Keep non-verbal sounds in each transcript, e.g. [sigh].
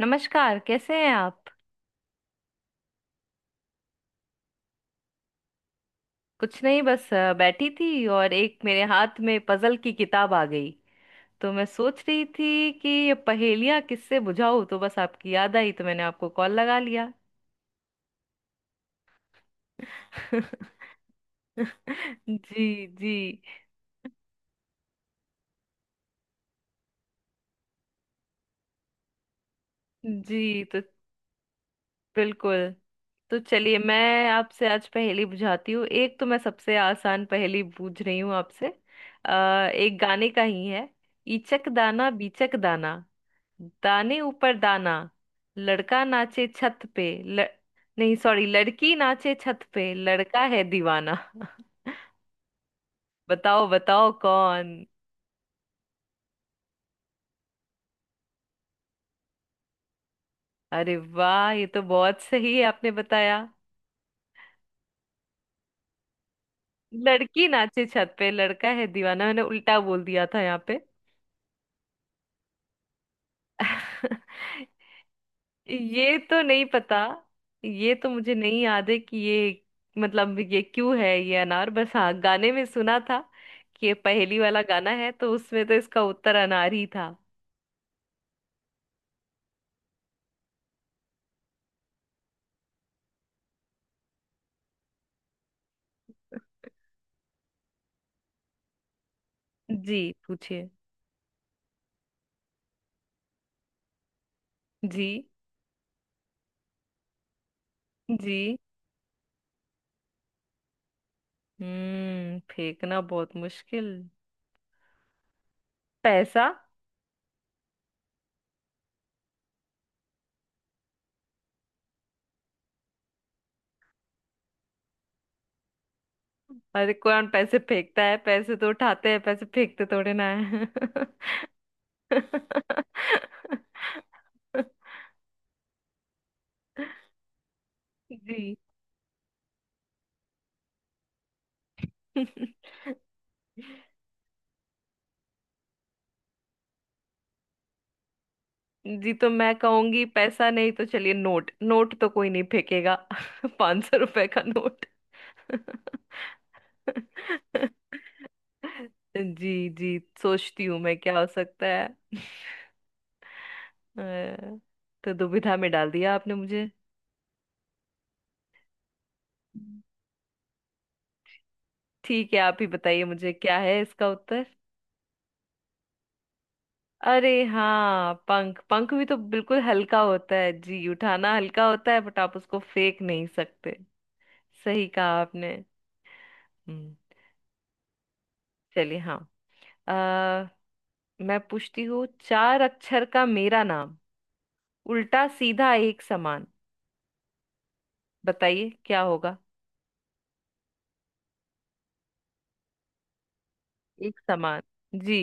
नमस्कार, कैसे हैं आप। कुछ नहीं, बस बैठी थी और एक मेरे हाथ में पजल की किताब आ गई। तो मैं सोच रही थी कि ये पहेलियां किससे बुझाऊं, तो बस आपकी याद आई तो मैंने आपको कॉल लगा लिया। [laughs] जी जी। जी तो बिल्कुल। तो चलिए मैं आपसे आज पहेली बुझाती हूँ। एक तो मैं सबसे आसान पहेली बूझ रही हूँ आपसे। अ, एक गाने का ही है। इचक दाना बीचक दाना, दाने ऊपर दाना, लड़का नाचे छत पे ल... नहीं सॉरी, लड़की नाचे छत पे लड़का है दीवाना। [laughs] बताओ बताओ कौन। अरे वाह, ये तो बहुत सही है, आपने बताया। लड़की नाचे छत पे लड़का है दीवाना, मैंने उल्टा बोल दिया था यहाँ पे। [laughs] ये तो नहीं पता। ये तो मुझे नहीं याद है कि ये मतलब ये क्यों है ये अनार, बस हाँ गाने में सुना था कि ये पहेली वाला गाना है, तो उसमें तो इसका उत्तर अनार ही था। जी पूछिए। जी जी। हम्म, फेंकना बहुत मुश्किल। पैसा। अरे कौन पैसे फेंकता है, पैसे तो उठाते हैं, पैसे फेंकते थोड़े ना है। [laughs] जी। [laughs] जी तो मैं कहूंगी पैसा नहीं, तो चलिए नोट, नोट तो कोई नहीं फेंकेगा। [laughs] पांच सौ रुपए का नोट। [laughs] जी जी, सोचती हूँ मैं क्या हो सकता है। [laughs] अ, तो दुविधा में डाल दिया आपने मुझे। ठीक है, आप ही बताइए मुझे क्या है इसका उत्तर। अरे हाँ पंख, पंख भी तो बिल्कुल हल्का होता है जी, उठाना हल्का होता है, बट आप उसको फेंक नहीं सकते। सही कहा आपने। हम्म। चलिए हाँ। आ, मैं पूछती हूँ। चार अक्षर का मेरा नाम, उल्टा सीधा एक समान, बताइए क्या होगा। एक समान। जी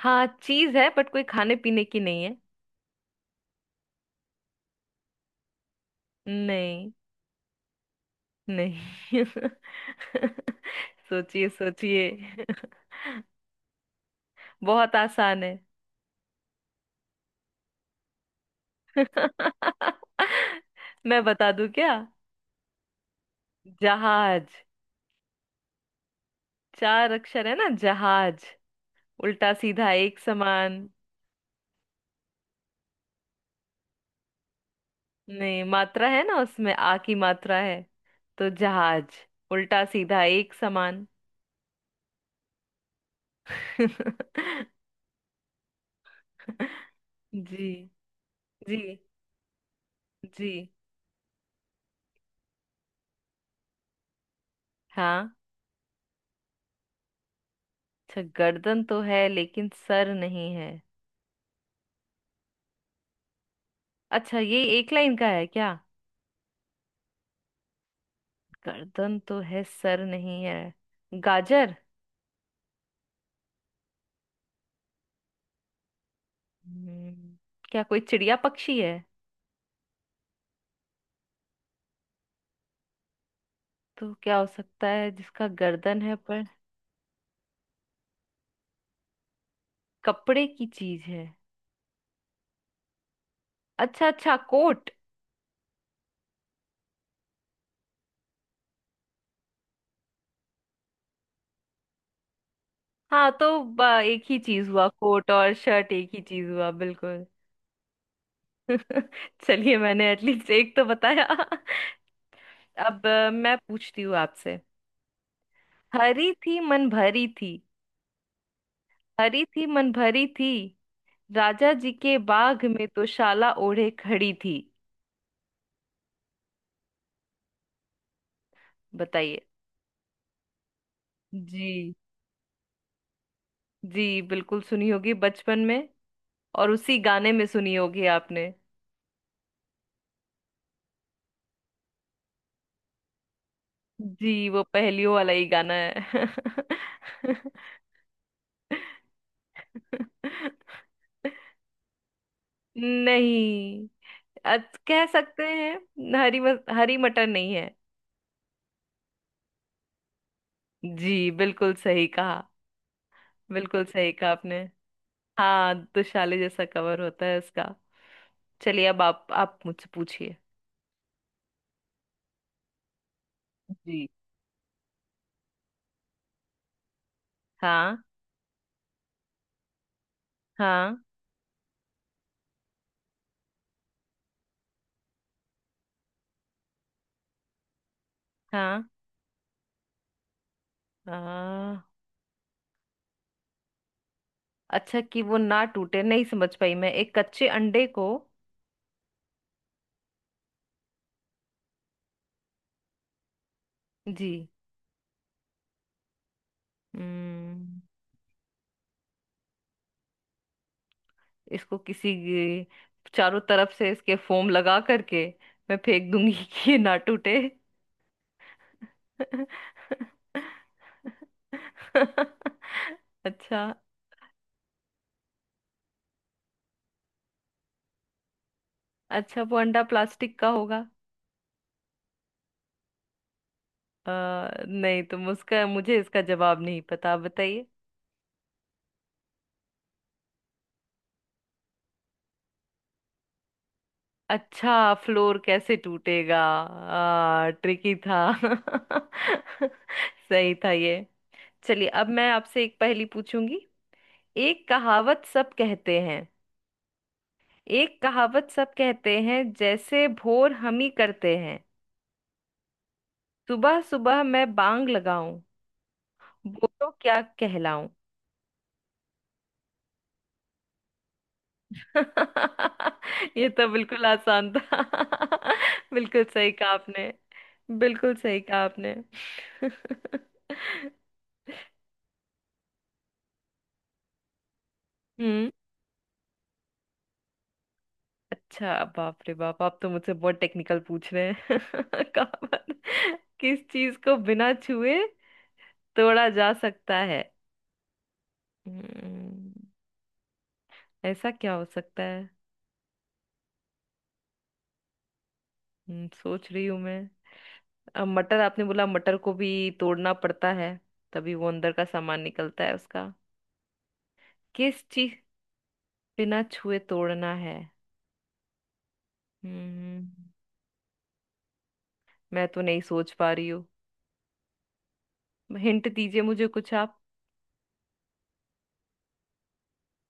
हाँ चीज है, बट कोई खाने पीने की नहीं है। नहीं। नहीं। [laughs] सोचिए सोचिए। [laughs] बहुत आसान है। [laughs] मैं बता दूं क्या। जहाज, चार अक्षर है ना जहाज, उल्टा सीधा एक समान। नहीं, मात्रा है ना, उसमें आ की मात्रा है। तो जहाज उल्टा सीधा एक समान। [laughs] जी जी जी। हाँ। अच्छा, गर्दन तो है लेकिन सर नहीं है। अच्छा, ये एक लाइन का है क्या। गर्दन तो है सर नहीं है। गाजर। हम्म, क्या कोई चिड़िया पक्षी है। तो क्या हो सकता है जिसका गर्दन है पर। कपड़े की चीज है। अच्छा अच्छा, कोट। हाँ तो एक ही चीज हुआ, कोट और शर्ट एक ही चीज हुआ बिल्कुल। [laughs] चलिए, मैंने एटलीस्ट एक तो बताया। [laughs] अब मैं पूछती हूँ आपसे। हरी थी मन भरी थी हरी थी मन भरी थी, राजा जी के बाग में तो शाला ओढ़े खड़ी थी। बताइए। जी। जी बिल्कुल सुनी होगी बचपन में, और उसी गाने में सुनी होगी आपने। जी वो पहेलियों वाला ही गाना है। [laughs] नहीं। कह सकते हैं, हरी मटर नहीं है। जी बिल्कुल सही कहा। बिल्कुल सही कहा आपने। हाँ, दुशाले जैसा कवर होता है उसका। चलिए अब आप मुझसे पूछिए। जी। हाँ। हाँ। हाँ। हाँ। अच्छा कि वो ना टूटे, नहीं समझ पाई मैं। एक कच्चे अंडे को। जी। हम्म। इसको किसी चारों तरफ से इसके फोम लगा करके मैं फेंक दूंगी [laughs] कि ये ना टूटे। [laughs] अच्छा। अच्छा, वो अंडा प्लास्टिक का होगा। अ, नहीं तुम उसका, मुझे इसका जवाब नहीं पता, आप बताइए। अच्छा। फ्लोर कैसे टूटेगा, ट्रिकी था। [laughs] सही था ये। चलिए अब मैं आपसे एक पहेली पूछूंगी। एक कहावत सब कहते हैं एक कहावत सब कहते हैं, जैसे भोर हम ही करते हैं, सुबह सुबह मैं बांग लगाऊं, वो तो क्या कहलाऊं। [laughs] ये तो बिल्कुल आसान था। [laughs] बिल्कुल सही कहा आपने। बिल्कुल सही कहा आपने। [laughs] हम्म। अच्छा, बाप रे बाप, आप तो मुझसे बहुत टेक्निकल पूछ रहे हैं। [laughs] कहावत। किस चीज को बिना छुए तोड़ा जा सकता है। हम्म, ऐसा क्या हो सकता है। सोच रही हूं मैं। अब मटर आपने बोला, मटर को भी तोड़ना पड़ता है, तभी वो अंदर का सामान निकलता है उसका। किस चीज बिना छुए तोड़ना है। हम्म, मैं तो नहीं सोच पा रही हूँ। हिंट दीजिए मुझे कुछ आप।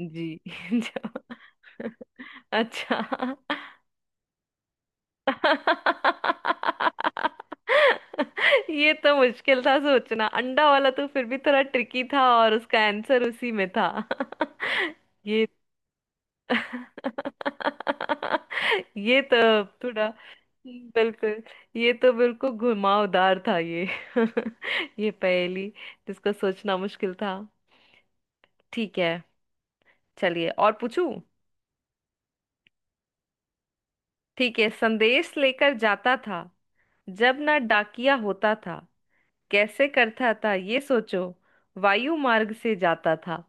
जी। [laughs] जो-। अच्छा। [laughs] ये तो मुश्किल था सोचना, अंडा वाला तो फिर भी थोड़ा ट्रिकी था और उसका आंसर उसी में था। [laughs] ये। [laughs] ये तो थोड़ा बिल्कुल, ये तो बिल्कुल घुमावदार था ये। [laughs] ये पहेली जिसको सोचना मुश्किल था। ठीक है। चलिए और पूछूं। ठीक है, संदेश लेकर जाता था, जब ना डाकिया होता था, कैसे करता था ये सोचो, वायु मार्ग से जाता था।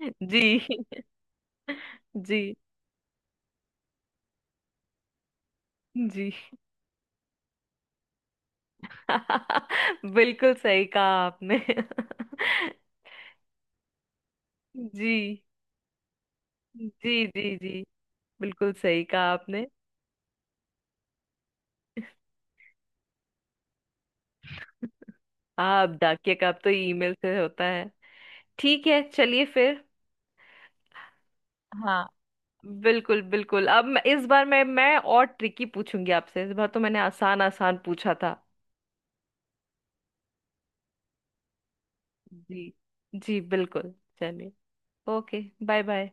[laughs] जी। [laughs] जी जी। [laughs] बिल्कुल सही कहा आपने। [laughs] जी जी। जी जी बिल्कुल सही कहा आपने। हाँ अब डाकिया का, अब तो ईमेल से होता है। ठीक है चलिए फिर। हाँ बिल्कुल बिल्कुल। अब मैं, इस बार मैं और ट्रिकी पूछूंगी आपसे, इस बार तो मैंने आसान आसान पूछा था। जी जी बिल्कुल। चलिए। ओके। Bye bye.